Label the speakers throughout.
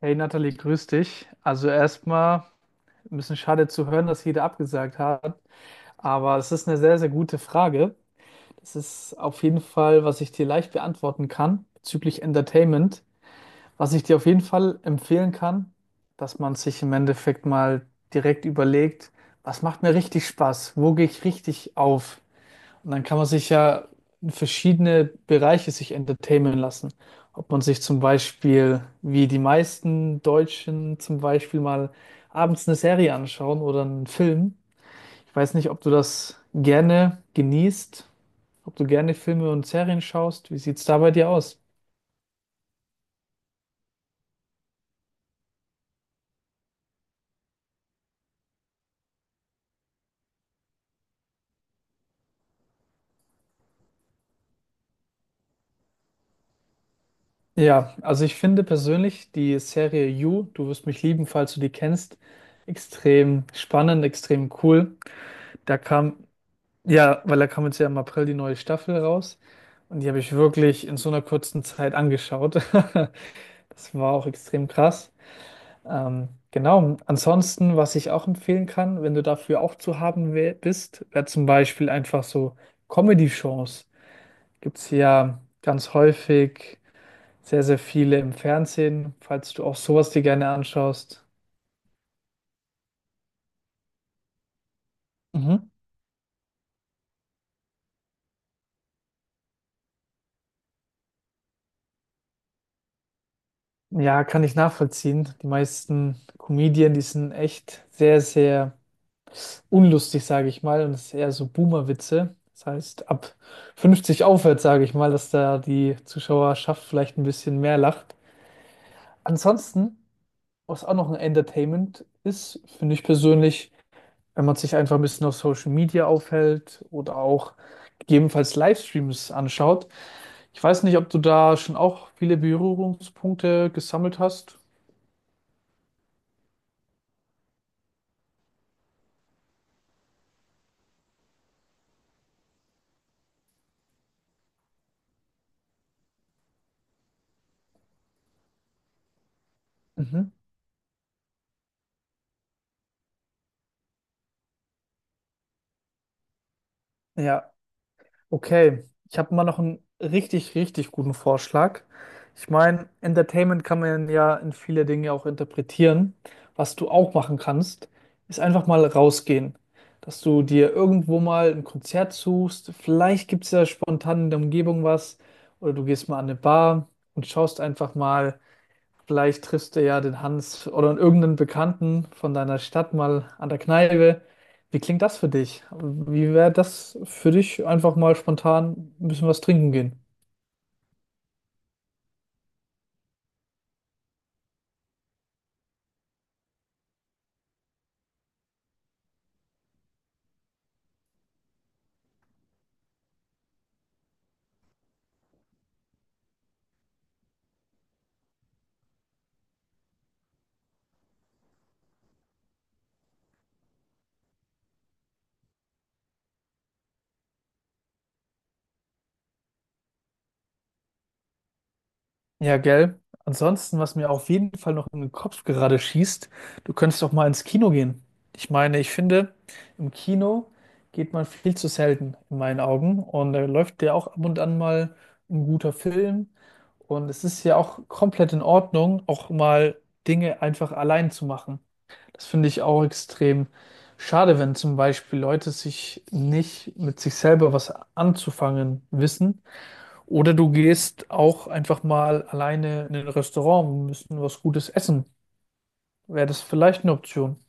Speaker 1: Hey Nathalie, grüß dich. Also erstmal ein bisschen schade zu hören, dass jeder abgesagt hat, aber es ist eine sehr, sehr gute Frage. Das ist auf jeden Fall, was ich dir leicht beantworten kann bezüglich Entertainment. Was ich dir auf jeden Fall empfehlen kann, dass man sich im Endeffekt mal direkt überlegt, was macht mir richtig Spaß? Wo gehe ich richtig auf? Und dann kann man sich ja in verschiedene Bereiche sich entertainen lassen. Ob man sich zum Beispiel, wie die meisten Deutschen zum Beispiel mal abends eine Serie anschauen oder einen Film. Ich weiß nicht, ob du das gerne genießt, ob du gerne Filme und Serien schaust. Wie sieht's da bei dir aus? Ja, also ich finde persönlich die Serie You, du wirst mich lieben, falls du die kennst, extrem spannend, extrem cool. Da kam Ja, weil da kam jetzt ja im April die neue Staffel raus und die habe ich wirklich in so einer kurzen Zeit angeschaut. Das war auch extrem krass. Genau. Ansonsten, was ich auch empfehlen kann, wenn du dafür auch zu haben bist, wäre zum Beispiel einfach so Comedy-Shows. Gibt es ja ganz häufig sehr, sehr viele im Fernsehen, falls du auch sowas dir gerne anschaust. Mhm. Ja, kann ich nachvollziehen. Die meisten Comedien, die sind echt sehr, sehr unlustig, sage ich mal, und es ist eher so Boomer-Witze. Das heißt, ab 50 aufwärts, sage ich mal, dass da die Zuschauerschaft vielleicht ein bisschen mehr lacht. Ansonsten, was auch noch ein Entertainment ist, finde ich persönlich, wenn man sich einfach ein bisschen auf Social Media aufhält oder auch gegebenenfalls Livestreams anschaut. Ich weiß nicht, ob du da schon auch viele Berührungspunkte gesammelt hast. Mhm. Ja, okay, ich habe mal noch einen richtig, richtig guten Vorschlag. Ich meine, Entertainment kann man ja in viele Dinge auch interpretieren. Was du auch machen kannst, ist einfach mal rausgehen. Dass du dir irgendwo mal ein Konzert suchst. Vielleicht gibt es ja spontan in der Umgebung was. Oder du gehst mal an eine Bar und schaust einfach mal. Vielleicht triffst du ja den Hans oder irgendeinen Bekannten von deiner Stadt mal an der Kneipe. Wie klingt das für dich? Wie wäre das für dich, einfach mal spontan ein bisschen was trinken gehen? Ja, gell. Ansonsten, was mir auf jeden Fall noch in den Kopf gerade schießt, du könntest doch mal ins Kino gehen. Ich meine, ich finde, im Kino geht man viel zu selten in meinen Augen und da läuft ja auch ab und an mal ein guter Film und es ist ja auch komplett in Ordnung, auch mal Dinge einfach allein zu machen. Das finde ich auch extrem schade, wenn zum Beispiel Leute sich nicht mit sich selber was anzufangen wissen oder du gehst auch einfach mal alleine in ein Restaurant und müssen was Gutes essen. Wäre das vielleicht eine Option?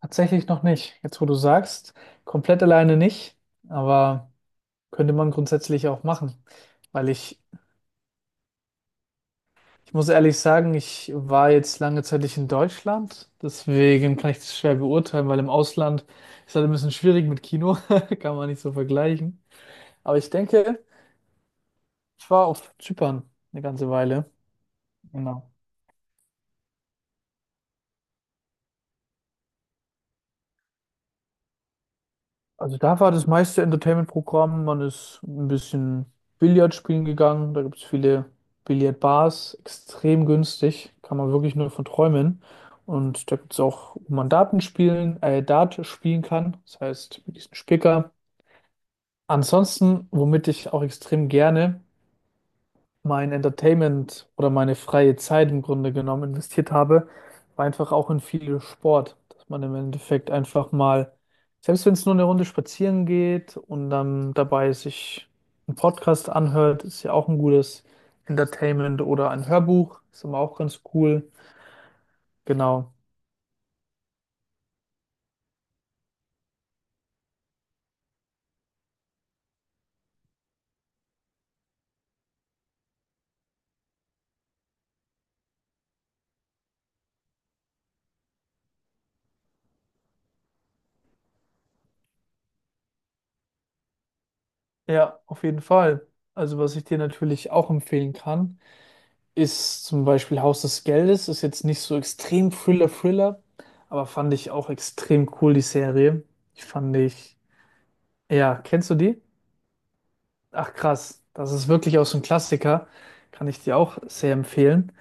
Speaker 1: Tatsächlich noch nicht. Jetzt, wo du sagst, komplett alleine nicht, aber könnte man grundsätzlich auch machen. Weil ich, ich muss ehrlich sagen, ich war jetzt lange Zeit nicht in Deutschland, deswegen kann ich das schwer beurteilen, weil im Ausland ist halt ein bisschen schwierig mit Kino, kann man nicht so vergleichen. Aber ich denke, ich war auf Zypern eine ganze Weile. Genau. Also da war das meiste Entertainment-Programm. Man ist ein bisschen Billard spielen gegangen. Da gibt es viele Billardbars, extrem günstig. Kann man wirklich nur von träumen. Und da gibt es auch, wo man Dart spielen kann. Das heißt, mit diesem Spicker. Ansonsten, womit ich auch extrem gerne mein Entertainment oder meine freie Zeit im Grunde genommen investiert habe, war einfach auch in viel Sport, dass man im Endeffekt einfach mal, selbst wenn es nur eine Runde spazieren geht und dann dabei sich einen Podcast anhört, ist ja auch ein gutes Entertainment oder ein Hörbuch, ist immer auch ganz cool. Genau. Ja, auf jeden Fall. Also was ich dir natürlich auch empfehlen kann, ist zum Beispiel Haus des Geldes, ist jetzt nicht so extrem Thriller-Thriller, aber fand ich auch extrem cool, die Serie. Ich fand ich, ja, kennst du die? Ach krass, das ist wirklich auch so ein Klassiker, kann ich dir auch sehr empfehlen.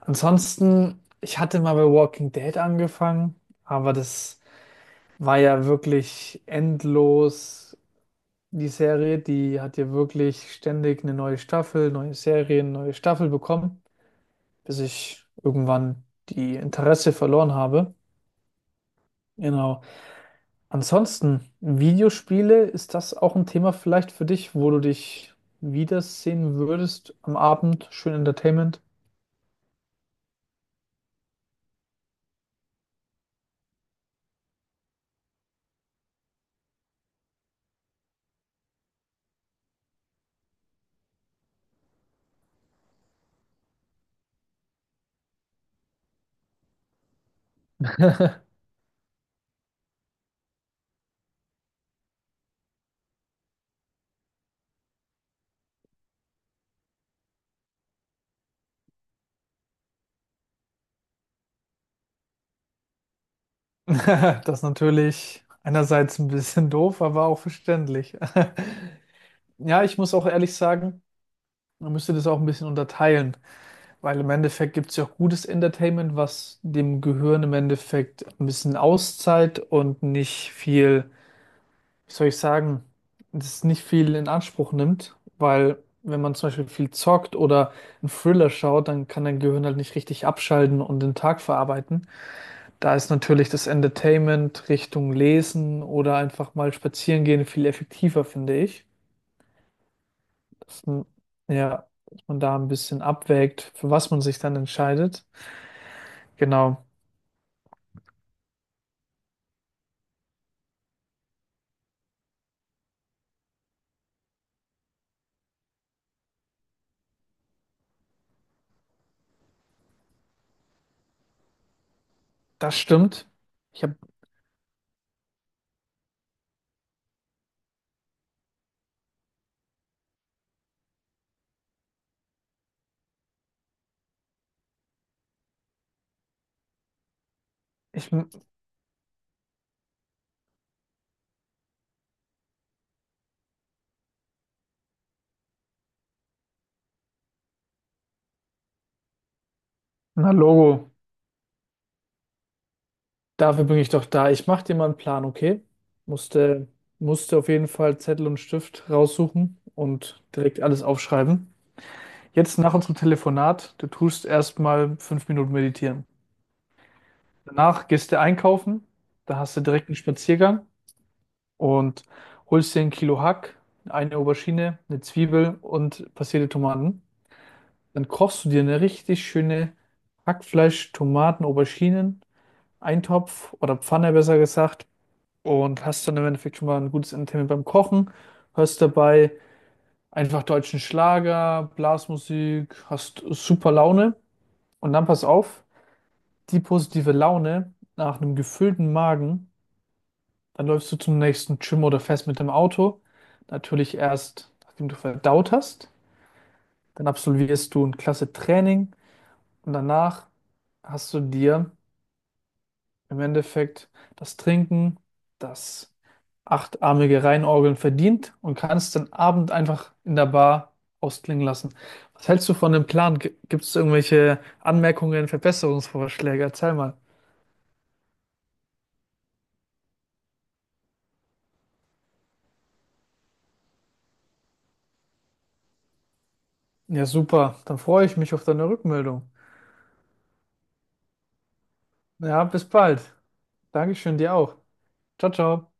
Speaker 1: Ansonsten, ich hatte mal bei Walking Dead angefangen, aber das war ja wirklich endlos. Die Serie, die hat ja wirklich ständig eine neue Staffel, neue Serien, neue Staffel bekommen, bis ich irgendwann die Interesse verloren habe. Genau. Ansonsten, Videospiele, ist das auch ein Thema vielleicht für dich, wo du dich wiedersehen würdest am Abend? Schön Entertainment. Das ist natürlich einerseits ein bisschen doof, aber auch verständlich. Ja, ich muss auch ehrlich sagen, man müsste das auch ein bisschen unterteilen, weil im Endeffekt gibt es ja auch gutes Entertainment, was dem Gehirn im Endeffekt ein bisschen Auszeit und nicht viel, wie soll ich sagen, das nicht viel in Anspruch nimmt, weil wenn man zum Beispiel viel zockt oder einen Thriller schaut, dann kann dein Gehirn halt nicht richtig abschalten und den Tag verarbeiten. Da ist natürlich das Entertainment Richtung Lesen oder einfach mal spazieren gehen viel effektiver, finde ich. Dass man, ja, dass man da ein bisschen abwägt, für was man sich dann entscheidet. Genau, das stimmt. Ich habe, ich, na Logo. Dafür bin ich doch da. Ich mache dir mal einen Plan, okay? Musste, musste auf jeden Fall Zettel und Stift raussuchen und direkt alles aufschreiben. Jetzt nach unserem Telefonat, du tust erstmal 5 Minuten meditieren. Danach gehst du einkaufen, da hast du direkt einen Spaziergang und holst dir ein Kilo Hack, eine Aubergine, eine Zwiebel und passierte Tomaten. Dann kochst du dir eine richtig schöne Hackfleisch-, Tomaten-, Auberginen, Eintopf oder Pfanne besser gesagt und hast dann im Endeffekt schon mal ein gutes Entertainment beim Kochen, hörst dabei einfach deutschen Schlager, Blasmusik, hast super Laune und dann pass auf, die positive Laune nach einem gefüllten Magen, dann läufst du zum nächsten Gym oder fährst mit dem Auto, natürlich erst, nachdem du verdaut hast, dann absolvierst du ein klasse Training und danach hast du dir im Endeffekt das Trinken, das achtarmige Reinorgeln verdient und kannst den Abend einfach in der Bar ausklingen lassen. Was hältst du von dem Plan? Gibt es irgendwelche Anmerkungen, Verbesserungsvorschläge? Erzähl mal. Ja, super. Dann freue ich mich auf deine Rückmeldung. Ja, bis bald. Dankeschön dir auch. Ciao, ciao.